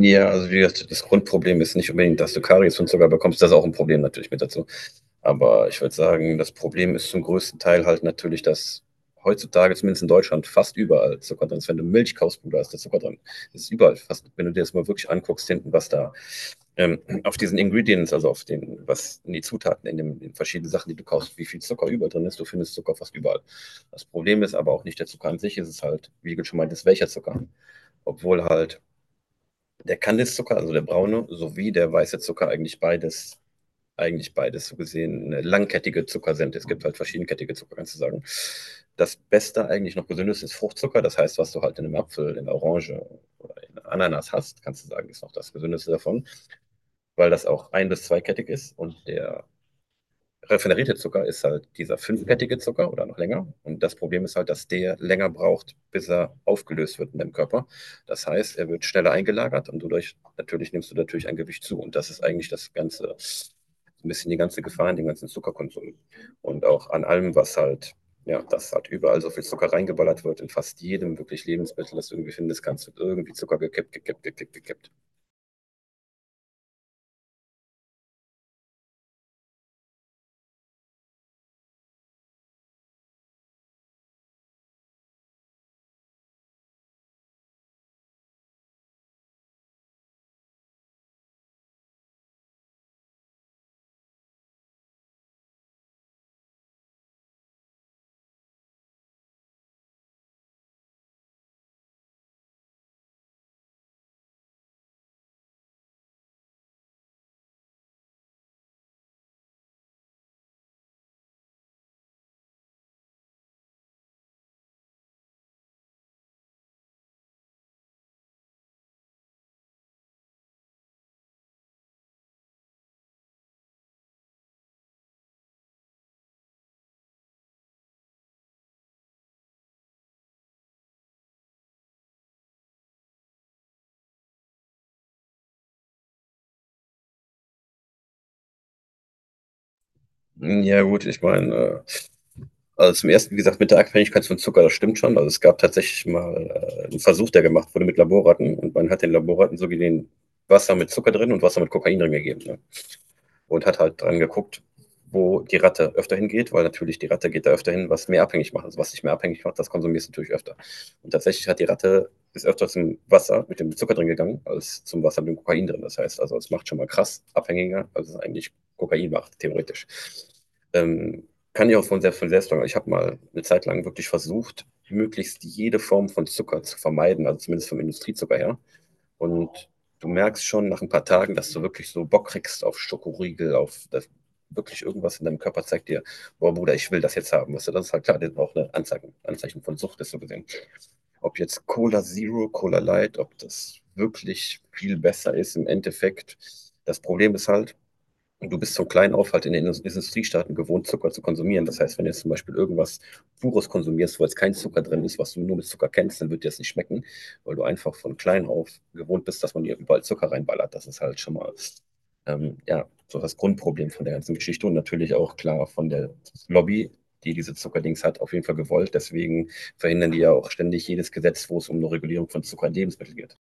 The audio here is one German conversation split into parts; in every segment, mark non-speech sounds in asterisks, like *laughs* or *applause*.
Ja, also wie gesagt, das Grundproblem ist nicht unbedingt, dass du Karies und Zucker bekommst. Das ist auch ein Problem natürlich mit dazu. Aber ich würde sagen, das Problem ist zum größten Teil halt natürlich, dass heutzutage, zumindest in Deutschland, fast überall Zucker drin ist. Wenn du Milch kaufst, Bruder, ist der Zucker drin. Das ist überall fast, wenn du dir das mal wirklich anguckst, hinten, was da auf diesen Ingredients, also auf den, was in die Zutaten, in den in verschiedenen Sachen, die du kaufst, wie viel Zucker über drin ist, du findest Zucker fast überall. Das Problem ist aber auch nicht der Zucker an sich, es ist halt, wie du schon meintest, welcher Zucker. Obwohl halt der Kandiszucker, also der braune, sowie der weiße Zucker, eigentlich beides, so gesehen, eine langkettige Zuckersente. Es gibt halt verschiedenkettige Zucker, kannst du sagen. Das Beste, eigentlich noch gesündeste, ist Fruchtzucker. Das heißt, was du halt in einem Apfel, in einer Orange, in einer Ananas hast, kannst du sagen, ist noch das gesündeste davon, weil das auch ein- bis zweikettig ist und der Raffinerierte Zucker ist halt dieser fünfkettige Zucker oder noch länger. Und das Problem ist halt, dass der länger braucht, bis er aufgelöst wird in dem Körper. Das heißt, er wird schneller eingelagert und dadurch natürlich nimmst du natürlich ein Gewicht zu. Und das ist eigentlich das ganze, so ein bisschen die ganze Gefahr in dem ganzen Zuckerkonsum. Und auch an allem, was halt, ja, dass halt überall so viel Zucker reingeballert wird, in fast jedem wirklich Lebensmittel, das du irgendwie findest, kannst du irgendwie Zucker gekippt, gekippt, gekippt, gekippt. Ja, gut, ich meine, also zum ersten, wie gesagt, mit der Abhängigkeit von Zucker, das stimmt schon. Also es gab tatsächlich mal einen Versuch, der gemacht wurde mit Laborratten und man hat den Laborratten so gesehen Wasser mit Zucker drin und Wasser mit Kokain drin gegeben. Ne? Und hat halt dran geguckt, wo die Ratte öfter hingeht, weil natürlich die Ratte geht da öfter hin, was mehr abhängig macht. Also was dich mehr abhängig macht, das konsumierst du natürlich öfter. Und tatsächlich hat die Ratte ist öfter zum Wasser mit dem Zucker drin gegangen, als zum Wasser mit dem Kokain drin. Das heißt, also es macht schon mal krass abhängiger, als es eigentlich Kokain macht, theoretisch. Kann ich auch von selbst sagen. Ich habe mal eine Zeit lang wirklich versucht, möglichst jede Form von Zucker zu vermeiden, also zumindest vom Industriezucker her. Und du merkst schon nach ein paar Tagen, dass du wirklich so Bock kriegst auf Schokoriegel, auf das, wirklich irgendwas in deinem Körper zeigt dir, boah Bruder, ich will das jetzt haben. Weißt du, das ist halt klar, das ist auch ein Anzeichen, von Sucht, ist so gesehen. Ob jetzt Cola Zero, Cola Light, ob das wirklich viel besser ist im Endeffekt. Das Problem ist halt, und du bist so klein auf halt in den Industriestaaten gewohnt, Zucker zu konsumieren. Das heißt, wenn du jetzt zum Beispiel irgendwas Pures konsumierst, wo jetzt kein Zucker drin ist, was du nur mit Zucker kennst, dann wird dir das nicht schmecken, weil du einfach von klein auf gewohnt bist, dass man dir überall Zucker reinballert. Das ist halt schon mal, ja, so das Grundproblem von der ganzen Geschichte und natürlich auch klar von der Lobby, die diese Zuckerdings hat, auf jeden Fall gewollt. Deswegen verhindern die ja auch ständig jedes Gesetz, wo es um eine Regulierung von Zucker in Lebensmitteln geht.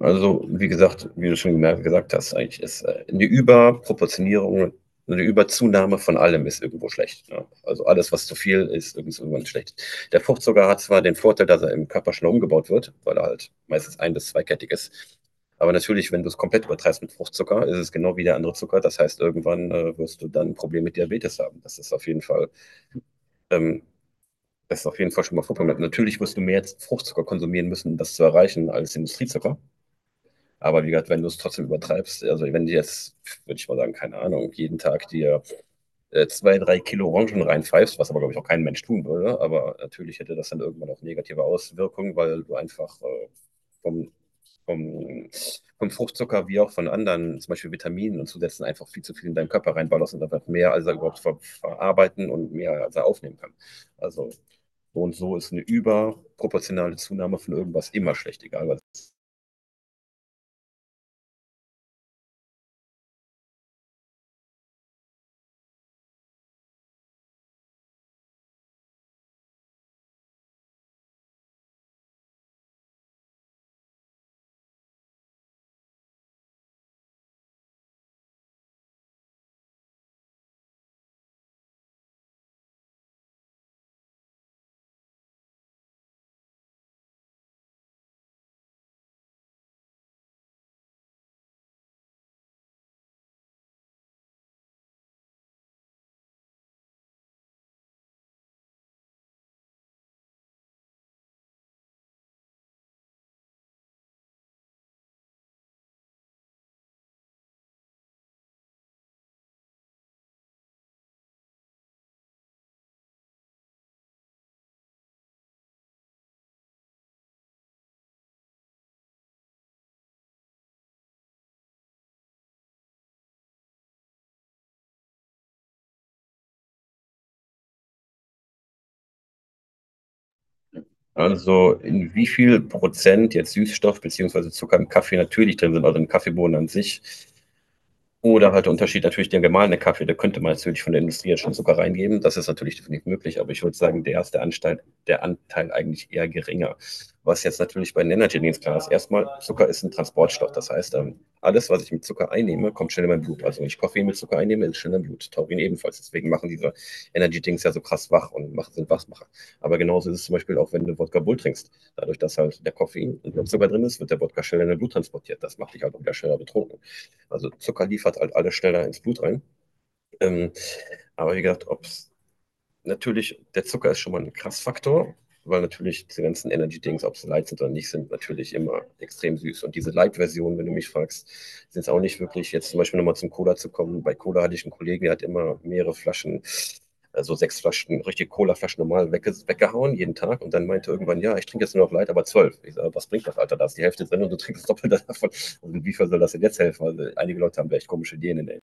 Also, wie gesagt, wie du schon gesagt hast, eigentlich ist eine Überproportionierung, eine Überzunahme von allem ist irgendwo schlecht. Ne? Also alles, was zu viel ist, ist irgendwann schlecht. Der Fruchtzucker hat zwar den Vorteil, dass er im Körper schnell umgebaut wird, weil er halt meistens ein- bis zweikettig ist. Aber natürlich, wenn du es komplett übertreibst mit Fruchtzucker, ist es genau wie der andere Zucker. Das heißt, irgendwann wirst du dann ein Problem mit Diabetes haben. Das ist auf jeden Fall ähm, das ist auf jeden Fall schon mal Fruchtzucker. Natürlich wirst du mehr Fruchtzucker konsumieren müssen, um das zu erreichen, als Industriezucker. Aber wie gesagt, wenn du es trotzdem übertreibst, also wenn du jetzt, würde ich mal sagen, keine Ahnung, jeden Tag dir zwei, drei Kilo Orangen reinpfeifst, was aber, glaube ich, auch kein Mensch tun würde, aber natürlich hätte das dann irgendwann auch negative Auswirkungen, weil du einfach vom, vom, vom Fruchtzucker wie auch von anderen, zum Beispiel Vitaminen und Zusätzen, einfach viel zu viel in deinen Körper reinballerst und einfach mehr, als er überhaupt verarbeiten und mehr, als er aufnehmen kann. Also so und so ist eine überproportionale Zunahme von irgendwas immer schlecht, egal was. Also in wie viel Prozent jetzt Süßstoff beziehungsweise Zucker im Kaffee natürlich drin sind, also im Kaffeebohnen an sich, oder halt der Unterschied natürlich der gemahlene Kaffee, da könnte man natürlich von der Industrie jetzt schon Zucker reingeben. Das ist natürlich definitiv möglich, aber ich würde sagen, der ist der Anteil eigentlich eher geringer. Was jetzt natürlich bei den Energy Drinks klar ist, erstmal, Zucker ist ein Transportstoff. Das heißt, alles, was ich mit Zucker einnehme, kommt schnell in mein Blut. Also wenn ich Koffein mit Zucker einnehme, ist schnell im Blut. Taurin ebenfalls. Deswegen machen diese Energy Drinks ja so krass wach und sind Wachmacher. Aber genauso ist es zum Beispiel auch, wenn du Wodka Bull trinkst. Dadurch, dass halt der Koffein und der Zucker drin ist, wird der Wodka schnell in dein Blut transportiert. Das macht dich halt auch wieder schneller betrunken. Also Zucker liefert halt alles schneller ins Blut rein. Ähm, aber wie gesagt, ob es natürlich, der Zucker ist schon mal ein Krassfaktor, weil natürlich diese ganzen Energy-Dings, ob sie light sind oder nicht, sind natürlich immer extrem süß. Und diese Light-Version, wenn du mich fragst, sind es auch nicht wirklich, jetzt zum Beispiel nochmal zum Cola zu kommen. Bei Cola hatte ich einen Kollegen, der hat immer mehrere Flaschen, also sechs Flaschen, richtige Cola-Flaschen normal weggehauen jeden Tag. Und dann meinte irgendwann, ja, ich trinke jetzt nur noch Light, aber zwölf. Ich sage, was bringt das, Alter? Da ist die Hälfte drin und du trinkst das Doppelte *laughs* davon. Und inwiefern soll das denn jetzt helfen? Also einige Leute haben da echt komische Ideen in der.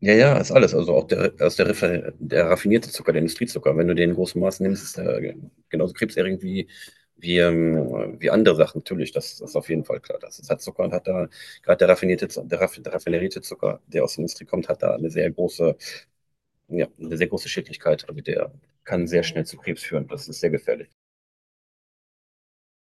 Ja, ja, ist alles. Also auch der, aus der, der raffinierte Zucker, der Industriezucker. Wenn du den in großem Maß nimmst, ist der genauso krebserregend wie, wie andere Sachen. Natürlich, das, das ist auf jeden Fall klar. Das, das hat Zucker und hat da, gerade der raffinierte, der, der raffinerierte Zucker, der aus der Industrie kommt, hat da eine sehr große, ja, eine sehr große Schädlichkeit. Also der kann sehr schnell zu Krebs führen. Das ist sehr gefährlich.